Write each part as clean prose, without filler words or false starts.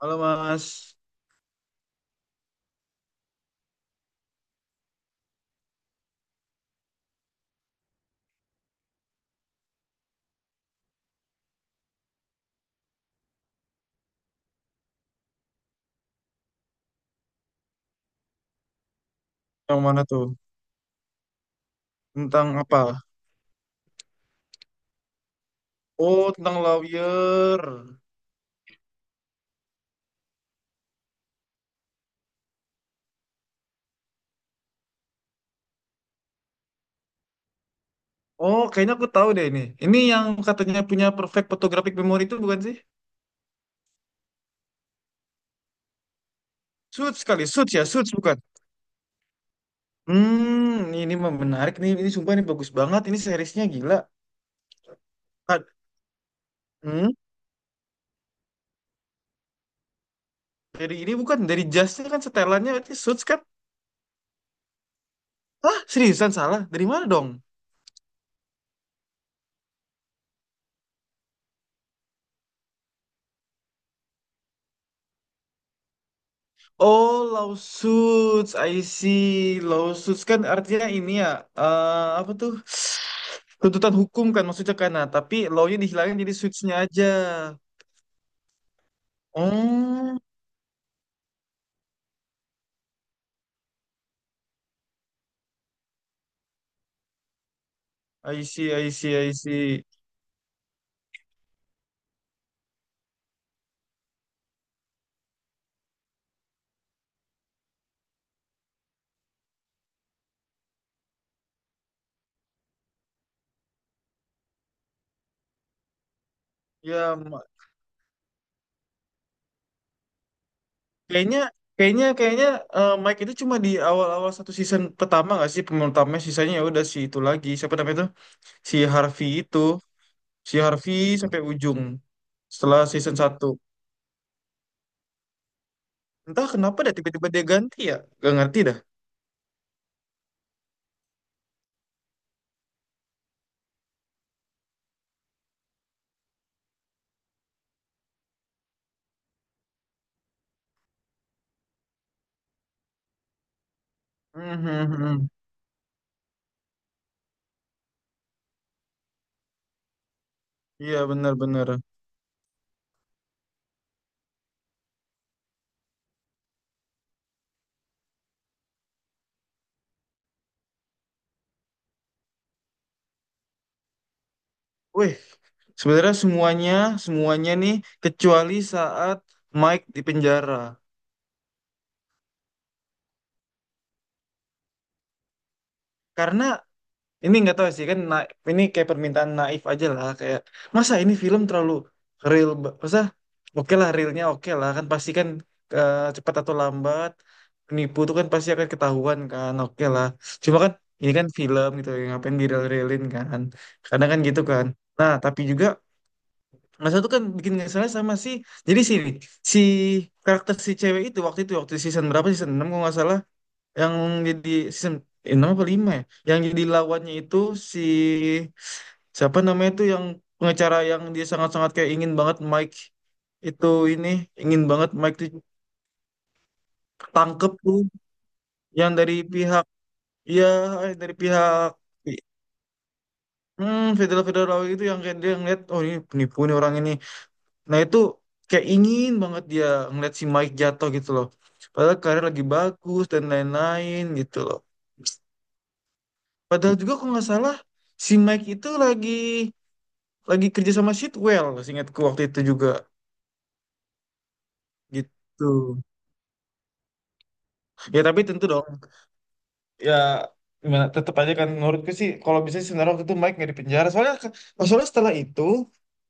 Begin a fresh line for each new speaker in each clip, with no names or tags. Halo Mas, yang mana tuh? Tentang apa? Oh, tentang lawyer. Oh, kayaknya aku tahu deh ini. Ini yang katanya punya perfect photographic memory itu bukan sih? Suits sekali, Suits ya, Suits bukan? Hmm, ini mah menarik nih. Ini sumpah ini bagus banget. Ini seriesnya gila. Ah, Hmm, dari ini bukan dari jasnya kan, setelannya berarti Suits kan? Hah, seriusan salah? Dari mana dong? Oh, lawsuits, I see. Lawsuits kan artinya ini ya, apa tuh? Tuntutan hukum kan maksudnya kan, nah tapi law-nya dihilangin jadi suits-nya aja. Oh, I see I see I see, ya ma- kayaknya kayaknya kayaknya, Mike itu cuma di awal-awal satu season pertama nggak sih pemeran utamanya, sisanya ya udah si itu lagi siapa namanya itu, si Harvey itu. Si Harvey sampai ujung setelah season satu, entah kenapa dah tiba-tiba dia ganti ya, gak ngerti dah. Mhm, mhm. Iya benar-benar. Wih, sebenarnya semuanya, semuanya nih kecuali saat Mike di penjara. Karena ini nggak tahu sih kan, ini kayak permintaan naif aja lah. Kayak masa ini film terlalu real, masa, oke lah realnya oke lah kan pasti kan, cepat atau lambat penipu tuh kan pasti akan ketahuan kan, oke lah. Cuma kan ini kan film gitu, yang ngapain di real-realin kan. Kadang kan gitu kan. Nah tapi juga Mas satu kan bikin nggak salah sama si, jadi sini si karakter si cewek itu waktu season berapa, season 6 kalau nggak salah, yang jadi season enam apa lima ya, yang jadi lawannya itu si siapa namanya itu, yang pengacara yang dia sangat-sangat kayak ingin banget Mike itu, ini ingin banget Mike itu tangkep tuh, yang dari pihak, ya dari pihak, federal federal itu yang kayak dia ngeliat oh ini penipu nih orang ini. Nah itu kayak ingin banget dia ngeliat si Mike jatuh gitu loh. Padahal karir lagi bagus dan lain-lain gitu loh. Padahal juga kalau nggak salah si Mike itu lagi kerja sama Sitwell, seingatku waktu itu juga gitu. Ya tapi tentu dong ya, gimana tetap aja kan menurutku sih, kalau bisa sih sebenarnya waktu itu Mike nggak di penjara soalnya soalnya setelah itu,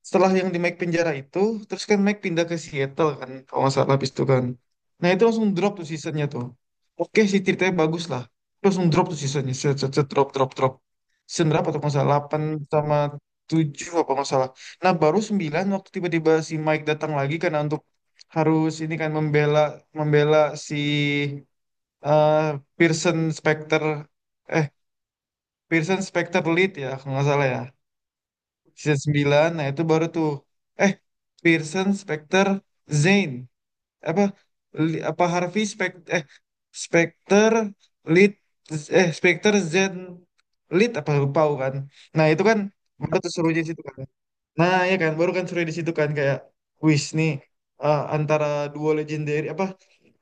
setelah yang di Mike penjara itu, terus kan Mike pindah ke Seattle kan kalau nggak salah habis itu kan, nah itu langsung drop tuh seasonnya tuh. Oke sih ceritanya bagus lah, terus langsung drop tuh seasonnya, set, set, set, drop drop drop. Season berapa tuh kalau nggak salah delapan, sama 7 apa kalau nggak salah. Nah baru 9 waktu tiba-tiba si Mike datang lagi karena untuk, harus ini kan membela, membela si eh Pearson Specter, eh Pearson Specter Lead ya kalau nggak salah ya, season 9. Nah itu baru tuh, eh Pearson Specter Zane apa Li- apa Harvey Specter Lead, Specter Zane Lead apa, lupa aku kan. Nah itu kan baru tuh serunya di situ kan, nah ya kan baru kan serunya di situ kan kayak wis nih, antara duo legendary apa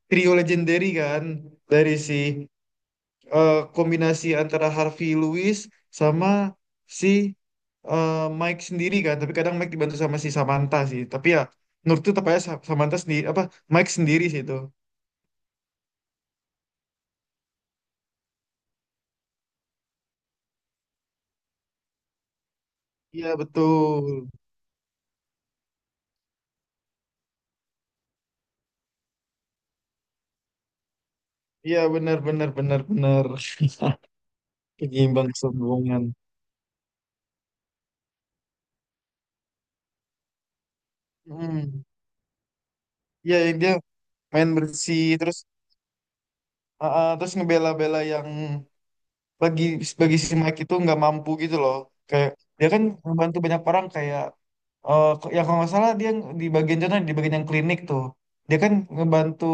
trio legendary kan, dari si, kombinasi antara Harvey Lewis sama si, eh, Mike sendiri kan, tapi kadang Mike dibantu sama si Samantha sih tapi ya menurutku tepatnya Samantha sendiri apa Mike sendiri sih itu. Iya betul. Iya benar benar benar benar. Penyeimbang kesombongan. hmm. Iya yang dia main bersih terus, terus ngebela-bela yang bagi bagi si Mike itu nggak mampu gitu loh. Kayak dia kan membantu banyak orang, kayak ya kalau nggak salah dia di bagian contoh di bagian yang klinik tuh, dia kan ngebantu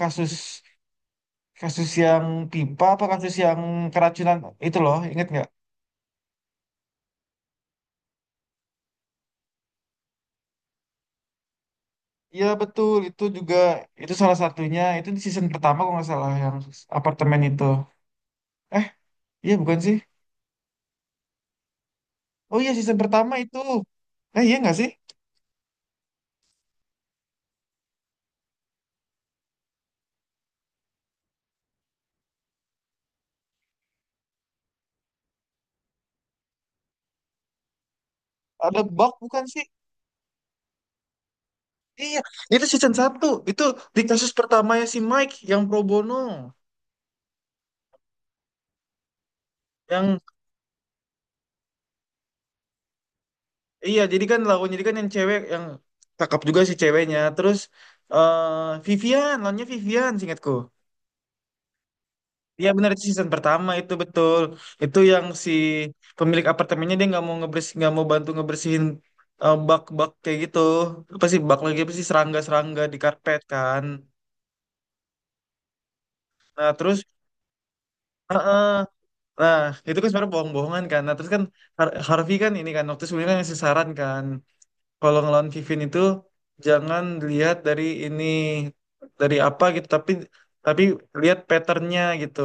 kasus, kasus yang pipa apa kasus yang keracunan, itu loh inget nggak? Iya betul itu juga, itu salah satunya itu di season pertama kalau nggak salah, yang apartemen itu, eh iya bukan sih, oh iya season pertama itu, iya nggak sih, ada bug bukan sih. Iya, itu season satu. Itu di kasus pertamanya si Mike yang pro bono. Yang iya, jadi kan lawannya, jadi kan yang cewek yang cakep juga si ceweknya. Terus eh Vivian, lawannya Vivian seingatku. Iya benar itu season pertama itu betul. Itu yang si pemilik apartemennya dia nggak mau ngebers, nggak mau bantu ngebersihin, bak-bak kayak gitu. Apa sih bak lagi, apa sih serangga-serangga di karpet kan. Nah, terus Nah, itu kan sebenarnya bohong-bohongan kan. Nah, terus kan Harvey kan ini kan waktu sebelumnya kan ngasih saran kan kalau ngelawan Vivin itu jangan lihat dari ini dari apa gitu, tapi, tapi lihat patternnya gitu.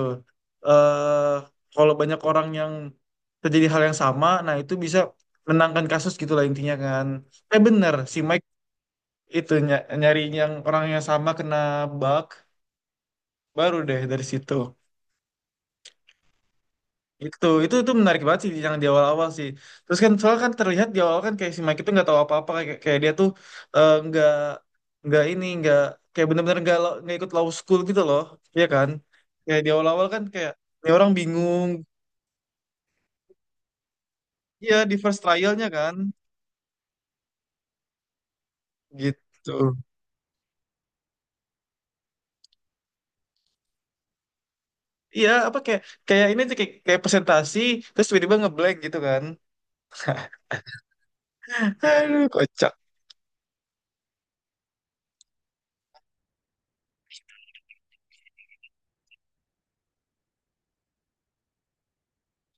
Eh kalau banyak orang yang terjadi hal yang sama, nah itu bisa menangkan kasus gitu lah intinya kan. Eh bener si Mike itu nyari yang orang yang sama kena bug baru deh dari situ. Itu menarik banget sih yang di awal-awal sih. Terus kan soalnya kan terlihat di awal kan kayak si Mike itu nggak tahu apa-apa, kayak, kayak dia tuh eh, nggak nggak ini nggak kayak bener-bener nggak nggak ikut law school gitu loh, iya kan? Kayak di awal-awal kan kayak ini orang bingung, iya di first trialnya kan gitu. Iya apa kayak kayak ini tuh kayak presentasi terus tiba-tiba ngeblank gitu kan? Aduh kocak.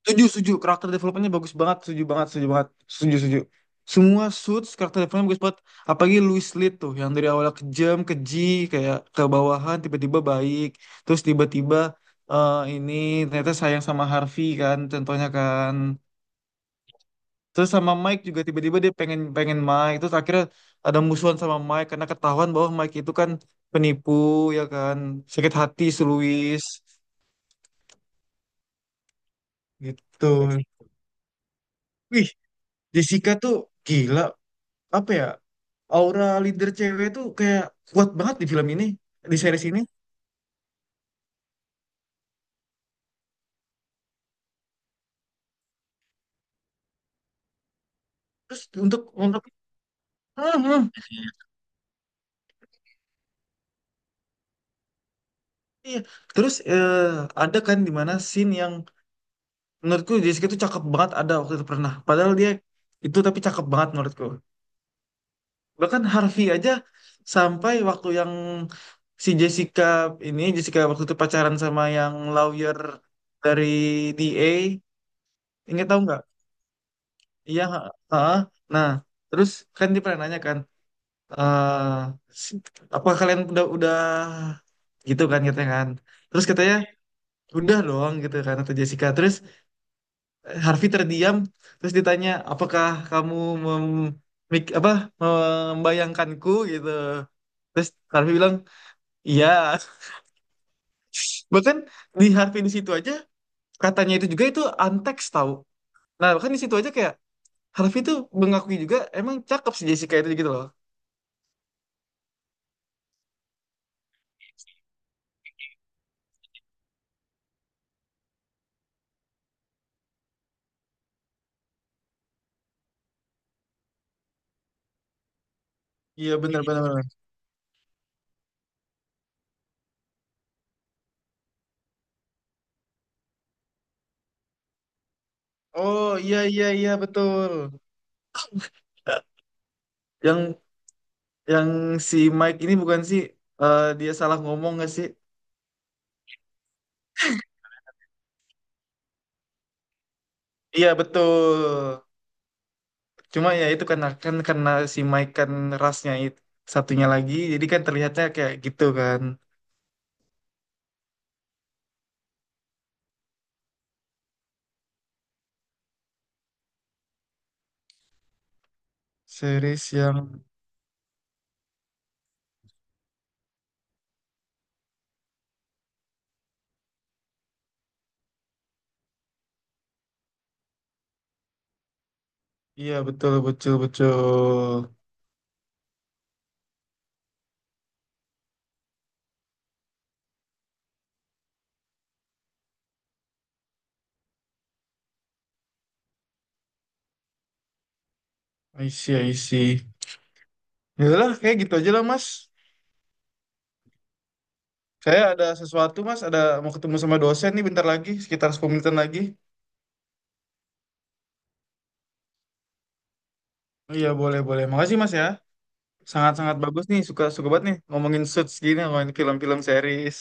Setuju, setuju. Karakter development bagus banget. Setuju banget, setuju banget. Setuju, setuju. Semua suits karakter development bagus banget. Apalagi Louis Litt tuh, yang dari awalnya kejam, keji, kayak ke bawahan, tiba-tiba baik. Terus tiba-tiba ini ternyata sayang sama Harvey kan, contohnya kan. Terus sama Mike juga tiba-tiba dia pengen pengen Mike. Terus akhirnya ada musuhan sama Mike karena ketahuan bahwa Mike itu kan penipu, ya kan. Sakit hati si Louis. Gitu. Wih, Jessica tuh gila apa ya, aura leader cewek itu kayak kuat banget di film ini, di series ini. Terus untuk Hmm, hmm, iya. Terus ada kan di mana scene yang menurutku Jessica itu cakep banget, ada waktu itu pernah padahal dia itu tapi cakep banget menurutku, bahkan Harvey aja sampai waktu yang si Jessica, ini Jessica waktu itu pacaran sama yang lawyer dari DA ingat tahu nggak, iya ha- ha. Nah terus kan dia pernah nanya kan, eh apa kalian udah gitu kan katanya kan. Terus katanya udah dong gitu kan kata Jessica. Terus Harvey terdiam. Terus ditanya apakah kamu mem- mik- apa membayangkanku gitu. Terus Harvey bilang iya. Bahkan di Harvey di situ aja katanya itu juga itu antek tahu. Nah bahkan di situ aja kayak Harvey tuh mengakui juga emang cakep si Jessica itu gitu loh. Iya benar benar benar. Oh iya iya iya betul, yang Yang si Mike ini bukan sih, dia salah ngomong nggak sih? Iya betul. Cuma ya itu karena kan karena si Mike kan rasnya itu satunya lagi, jadi kan terlihatnya kayak gitu kan. Series yang, iya betul betul betul. I see I see. Yaudahlah kayak gitu aja lah Mas. Saya ada sesuatu Mas, ada mau ketemu sama dosen nih bentar lagi, sekitar 10 menitan lagi. Iya boleh boleh. Makasih Mas ya. Sangat-sangat bagus nih, suka suka banget nih ngomongin suits gini, ngomongin film-film series.